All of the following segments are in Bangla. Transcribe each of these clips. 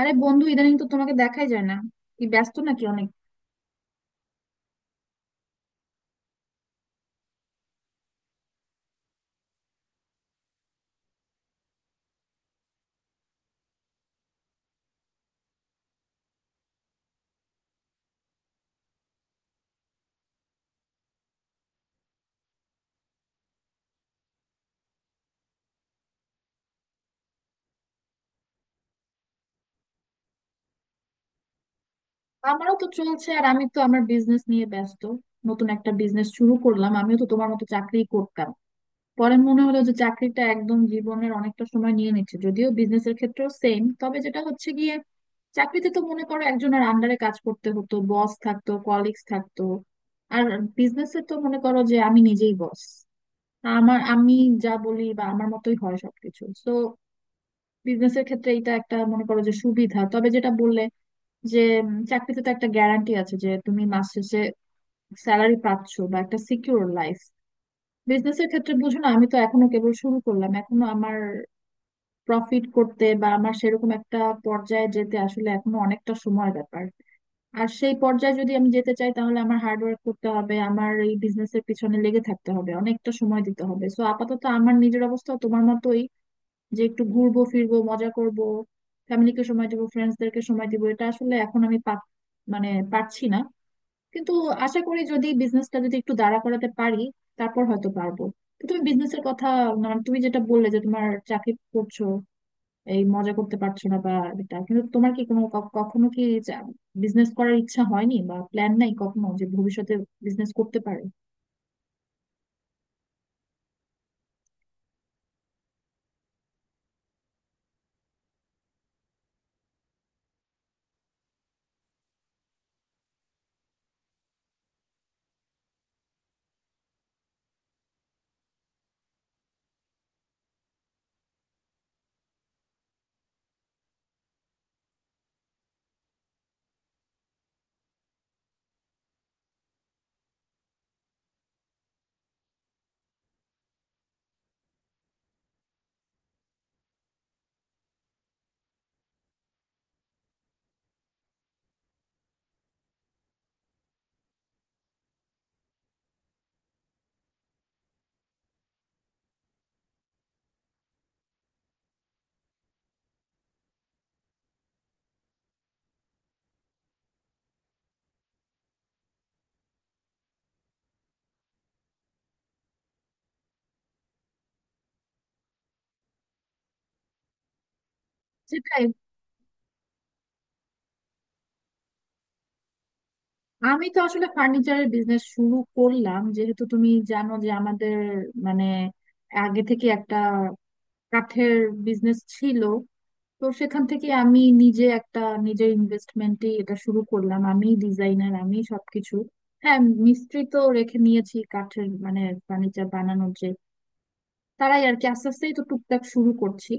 আরে বন্ধু, ইদানিং তো তোমাকে দেখাই যায় না। কি ব্যস্ত নাকি অনেক? আমারও তো চলছে, আর আমি তো আমার বিজনেস নিয়ে ব্যস্ত। নতুন একটা বিজনেস শুরু করলাম। আমিও তো তোমার মতো চাকরি করতাম, পরে মনে হলো যে চাকরিটা একদম জীবনের অনেকটা সময় নিয়ে নিচ্ছে, যদিও বিজনেসের ক্ষেত্রেও সেম। তবে যেটা হচ্ছে গিয়ে, চাকরিতে তো মনে করো একজনের আন্ডারে কাজ করতে হতো, বস থাকতো, কলিগস থাকতো। আর বিজনেসে তো মনে করো যে আমি নিজেই বস, আমার আমি যা বলি বা আমার মতোই হয় সবকিছু। তো বিজনেসের ক্ষেত্রে এটা একটা মনে করো যে সুবিধা। তবে যেটা বললে যে চাকরিতে তো একটা গ্যারান্টি আছে যে তুমি মাস শেষে স্যালারি পাচ্ছ বা একটা সিকিউর লাইফ। বিজনেসের ক্ষেত্রে বুঝো না, আমি তো এখনো কেবল শুরু করলাম, এখনো আমার প্রফিট করতে বা আমার সেরকম একটা পর্যায়ে যেতে আসলে এখনো অনেকটা সময় ব্যাপার। আর সেই পর্যায়ে যদি আমি যেতে চাই তাহলে আমার হার্ড ওয়ার্ক করতে হবে, আমার এই বিজনেসের পিছনে লেগে থাকতে হবে, অনেকটা সময় দিতে হবে। সো আপাতত আমার নিজের অবস্থা তোমার মতোই, যে একটু ঘুরবো ফিরবো, মজা করব, ফ্যামিলিকে সময় দিব, ফ্রেন্ডসদেরকে সময় দিব, এটা আসলে এখন আমি মানে পারছি না। কিন্তু আশা করি যদি বিজনেসটা যদি একটু দাঁড়া করাতে পারি তারপর হয়তো পারবো। তো তুমি বিজনেসের কথা, মানে তুমি যেটা বললে যে তোমার চাকরি করছো, এই মজা করতে পারছো না বা, এটা কিন্তু তোমার কি কোনো কখনো কি বিজনেস করার ইচ্ছা হয়নি বা প্ল্যান নাই কখনো যে ভবিষ্যতে বিজনেস করতে পারে? আমি তো আসলে ফার্নিচারের বিজনেস শুরু করলাম, যেহেতু তুমি জানো যে আমাদের মানে আগে থেকে একটা কাঠের বিজনেস ছিল। তো সেখান থেকে আমি নিজে একটা, নিজের ইনভেস্টমেন্টে এটা শুরু করলাম। আমি ডিজাইনার, আমি সবকিছু। হ্যাঁ, মিস্ত্রি তো রেখে নিয়েছি, কাঠের মানে ফার্নিচার বানানোর যে, তারাই আর কি। আস্তে আস্তেই তো টুকটাক শুরু করছি।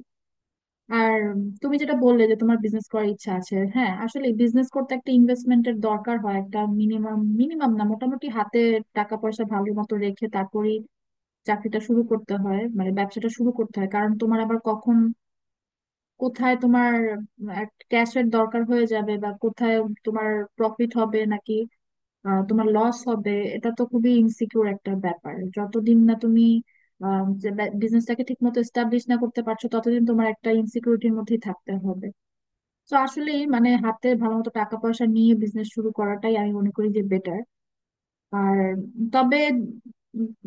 আর তুমি যেটা বললে যে তোমার বিজনেস করার ইচ্ছা আছে, হ্যাঁ, আসলে বিজনেস করতে একটা ইনভেস্টমেন্টের দরকার হয়, একটা মিনিমাম, না মোটামুটি হাতে টাকা পয়সা ভালো মতো রেখে তারপরেই চাকরিটা শুরু করতে হয়, মানে ব্যবসাটা শুরু করতে হয়। কারণ তোমার আবার কখন কোথায় তোমার ক্যাশের দরকার হয়ে যাবে, বা কোথায় তোমার প্রফিট হবে নাকি তোমার লস হবে, এটা তো খুবই ইনসিকিউর একটা ব্যাপার। যতদিন না তুমি বিজনেসটাকে ঠিক মতো এস্টাবলিশ না করতে পারছো ততদিন তোমার একটা ইনসিকিউরিটির মধ্যেই থাকতে হবে। তো আসলে মানে হাতে ভালো মতো টাকা পয়সা নিয়ে বিজনেস শুরু করাটাই আমি মনে করি যে বেটার। আর তবে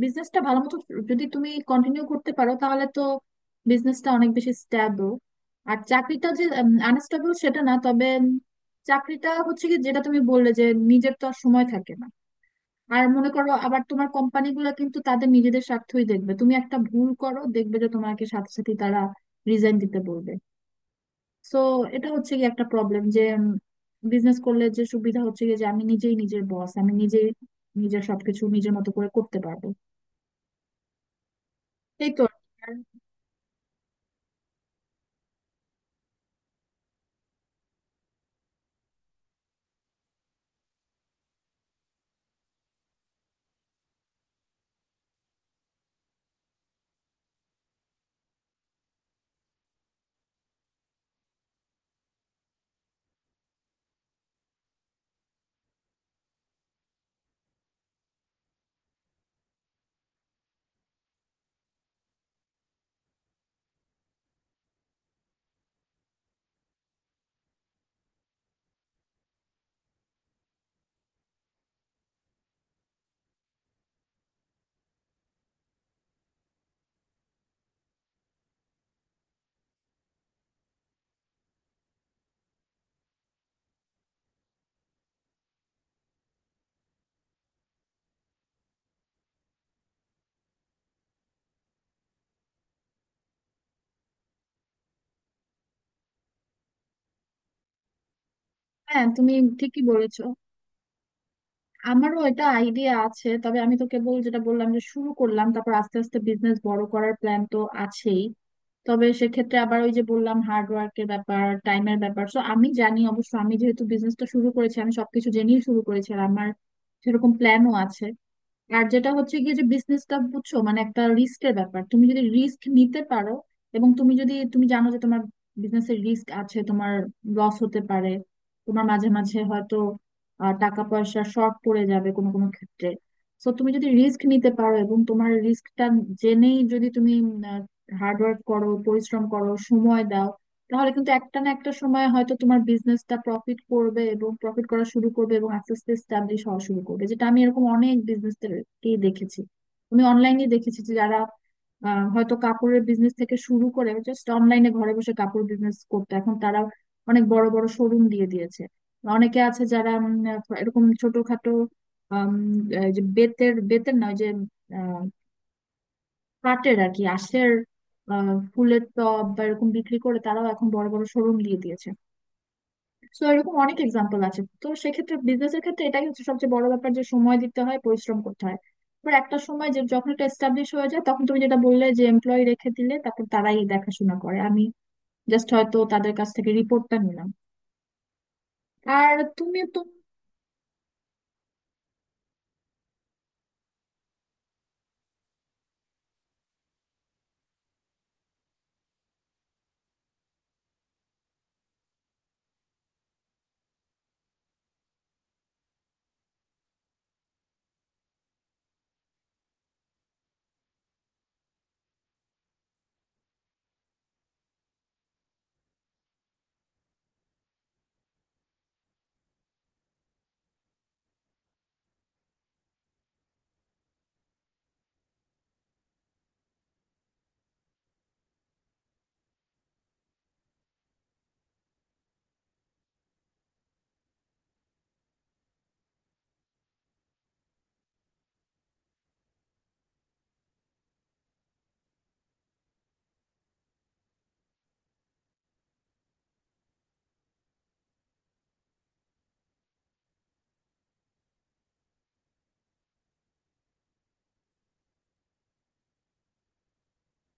বিজনেসটা ভালো মতো যদি তুমি কন্টিনিউ করতে পারো তাহলে তো বিজনেসটা অনেক বেশি স্ট্যাবল। আর চাকরিটা যে আনস্টেবল সেটা না, তবে চাকরিটা হচ্ছে কি, যেটা তুমি বললে যে নিজের তো আর সময় থাকে না। আর মনে করো আবার তোমার কোম্পানিগুলো কিন্তু তাদের নিজেদের স্বার্থই দেখবে। তুমি একটা ভুল করো, দেখবে যে তোমাকে সাথে সাথে তারা রিজাইন দিতে বলবে। সো এটা হচ্ছে কি একটা প্রবলেম। যে বিজনেস করলে যে সুবিধা হচ্ছে কি, যে আমি নিজেই নিজের বস, আমি নিজেই নিজের সবকিছু নিজের মতো করে করতে পারবো। এই তো কি। আর হ্যাঁ, তুমি ঠিকই বলেছো। আমারও এটা আইডিয়া আছে, তবে আমি তো কেবল যেটা বললাম যে শুরু করলাম, তারপর আস্তে আস্তে বিজনেস বড় করার প্ল্যান তো আছেই। তবে সেক্ষেত্রে আবার ওই যে বললাম, হার্ড ওয়ার্কের ব্যাপার, টাইমের ব্যাপার। তো আমি জানি অবশ্য, আমি যেহেতু বিজনেসটা শুরু করেছি, আমি সবকিছু জেনেই শুরু করেছি, আর আমার সেরকম প্ল্যানও আছে। আর যেটা হচ্ছে গিয়ে, যে বিজনেসটা বুঝছো মানে একটা রিস্কের ব্যাপার। তুমি যদি রিস্ক নিতে পারো, এবং তুমি যদি তুমি জানো যে তোমার বিজনেসের রিস্ক আছে, তোমার লস হতে পারে, তোমার মাঝে মাঝে হয়তো টাকা পয়সা শর্ট পড়ে যাবে কোনো কোনো ক্ষেত্রে, তো তুমি যদি রিস্ক নিতে পারো এবং তোমার রিস্কটা জেনেই যদি তুমি হার্ড ওয়ার্ক করো, পরিশ্রম করো, সময় দাও, তাহলে কিন্তু একটা না একটা সময় হয়তো তোমার বিজনেসটা প্রফিট করবে এবং প্রফিট করা শুরু করবে এবং আস্তে আস্তে স্টাবলিশ হওয়া শুরু করবে। যেটা আমি এরকম অনেক বিজনেসকে দেখেছি, আমি অনলাইনে দেখেছি, যে যারা হয়তো কাপড়ের বিজনেস থেকে শুরু করে, জাস্ট অনলাইনে ঘরে বসে কাপড় বিজনেস করতে, এখন তারা অনেক বড় বড় শোরুম দিয়ে দিয়েছে। অনেকে আছে যারা এরকম ছোটখাটো আম, এই যে বেতের বেতের নয়, যে কাটের আর কি, আঁশের ফুলের টব বা এরকম বিক্রি করে, তারাও এখন বড় বড় শোরুম দিয়ে দিয়েছে। তো এরকম অনেক এক্সাম্পল আছে। তো সেক্ষেত্রে বিজনেসের ক্ষেত্রে এটাই হচ্ছে সবচেয়ে বড় ব্যাপার, যে সময় দিতে হয়, পরিশ্রম করতে হয়। এবার একটা সময় যে যখন এটা এস্টাবলিশ হয়ে যায়, তখন তুমি যেটা বললে যে এমপ্লয়ি রেখে দিলে তারপর তারাই দেখাশোনা করে, আমি জাস্ট হয়তো তাদের কাছ থেকে রিপোর্টটা নিলাম। আর তুমি তো,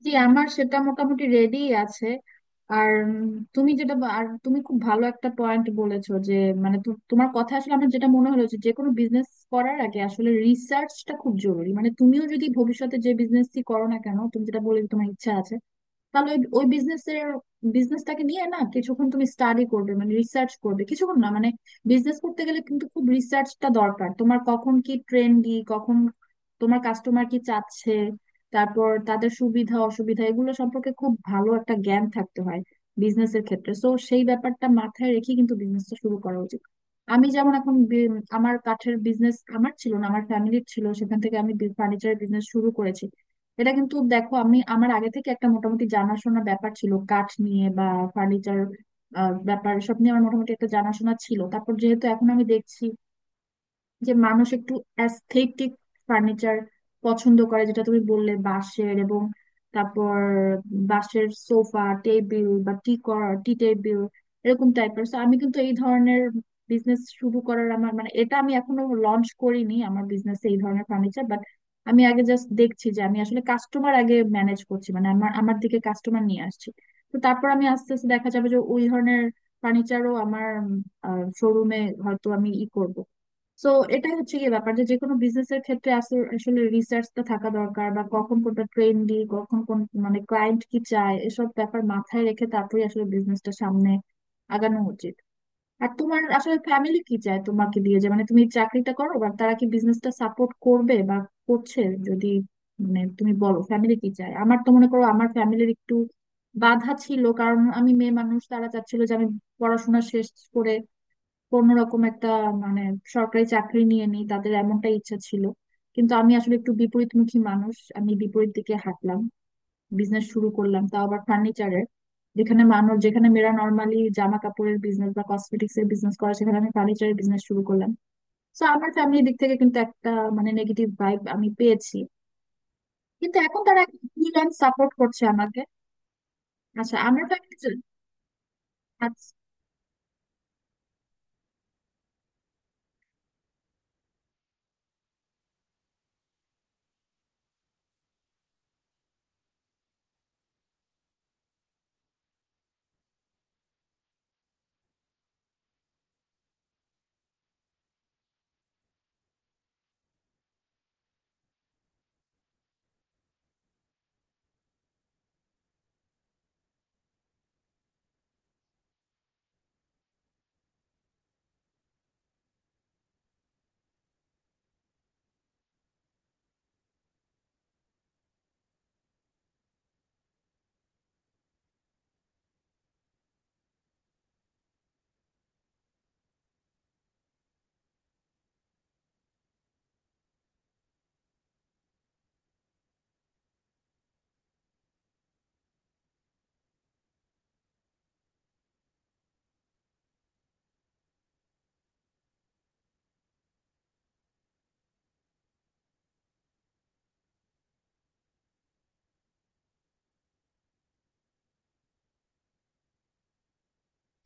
জি আমার সেটা মোটামুটি রেডি আছে। আর আর তুমি খুব ভালো একটা পয়েন্ট বলেছো, যে মানে তোমার কথা আসলে আমার যেটা মনে হলো, যে যে কোনো বিজনেস করার আগে আসলে রিসার্চটা খুব জরুরি। মানে তুমিও যদি ভবিষ্যতে যে বিজনেসই করো না কেন, তুমি যেটা বলে তোমার ইচ্ছা আছে, তাহলে ওই ওই বিজনেসের, বিজনেসটাকে নিয়ে না কিছুক্ষণ তুমি স্টাডি করবে, মানে রিসার্চ করবে, কিছুক্ষণ না মানে, বিজনেস করতে গেলে কিন্তু খুব রিসার্চটা দরকার, তোমার কখন কি ট্রেন্ডি, কখন তোমার কাস্টমার কি চাচ্ছে, তারপর তাদের সুবিধা অসুবিধা, এগুলো সম্পর্কে খুব ভালো একটা জ্ঞান থাকতে হয় বিজনেসের ক্ষেত্রে। সো সেই ব্যাপারটা মাথায় রেখে কিন্তু বিজনেসটা শুরু করা উচিত। আমি যেমন এখন আমার কাঠের বিজনেস আমার ছিল না, আমার ফ্যামিলির ছিল, সেখান থেকে আমি ফার্নিচারের বিজনেস শুরু করেছি। এটা কিন্তু দেখো, আমি আমার আগে থেকে একটা মোটামুটি জানাশোনা ব্যাপার ছিল, কাঠ নিয়ে বা ফার্নিচার ব্যাপার সব নিয়ে আমার মোটামুটি একটা জানাশোনা ছিল। তারপর যেহেতু এখন আমি দেখছি যে মানুষ একটু অ্যাস্থেটিক ফার্নিচার পছন্দ করে, যেটা তুমি বললে, বাঁশের এবং তারপর বাঁশের সোফা, টেবিল বা টি টি টেবিল এরকম টাইপের। সো আমি কিন্তু এই ধরনের বিজনেস শুরু করার আমার মানে, এটা আমি এখনো লঞ্চ করিনি আমার বিজনেসে, এই ধরনের ফার্নিচার, বাট আমি আগে জাস্ট দেখছি যে আমি আসলে কাস্টমার আগে ম্যানেজ করছি, মানে আমার আমার দিকে কাস্টমার নিয়ে আসছি। তো তারপর আমি আস্তে আস্তে দেখা যাবে যে ওই ধরনের ফার্নিচারও আমার শোরুমে হয়তো আমি ই করব। তো এটাই হচ্ছে কি ব্যাপার, যে কোনো বিজনেস এর ক্ষেত্রে আসলে আসলে রিসার্চটা থাকা দরকার, বা কখন কোনটা ট্রেন্ডি, কখন কোন মানে ক্লায়েন্ট কি চায়, এসব ব্যাপার মাথায় রেখে তারপরে আসলে বিজনেসটা সামনে আগানো উচিত। আর তোমার আসলে ফ্যামিলি কি চায় তোমাকে দিয়ে, যে মানে তুমি চাকরিটা করো, বা তারা কি বিজনেসটা সাপোর্ট করবে বা করছে? যদি মানে তুমি বলো ফ্যামিলি কি চায়, আমার তো মনে করো আমার ফ্যামিলির একটু বাধা ছিল, কারণ আমি মেয়ে মানুষ। তারা চাচ্ছিল যে আমি পড়াশোনা শেষ করে কোনো রকম একটা মানে সরকারি চাকরি নিয়ে নিই, তাদের এমনটা ইচ্ছা ছিল। কিন্তু আমি আসলে একটু বিপরীতমুখী মানুষ, আমি বিপরীত দিকে হাঁটলাম, বিজনেস শুরু করলাম, তাও আবার ফার্নিচারের। যেখানে মানুষ, যেখানে মেয়েরা নর্মালি জামা কাপড়ের বিজনেস বা কসমেটিক্স এর বিজনেস করে, সেখানে আমি ফার্নিচারের বিজনেস শুরু করলাম। তো আমার ফ্যামিলির দিক থেকে কিন্তু একটা মানে নেগেটিভ ভাইব আমি পেয়েছি। কিন্তু এখন তারা ফ্রিল্যান্স সাপোর্ট করছে আমাকে। আচ্ছা, আমার ফ্যামিলি,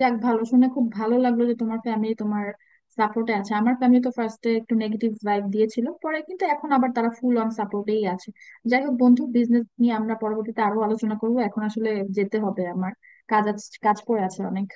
যাক, ভালো শুনে খুব ভালো লাগলো যে তোমার ফ্যামিলি তোমার সাপোর্টে আছে। আমার ফ্যামিলি তো ফার্স্টে একটু নেগেটিভ ভাইব দিয়েছিল, পরে কিন্তু এখন আবার তারা ফুল অন সাপোর্টেই আছে। যাই হোক বন্ধু, বিজনেস নিয়ে আমরা পরবর্তীতে আরো আলোচনা করবো, এখন আসলে যেতে হবে আমার। কাজ পড়ে আছে অনেক।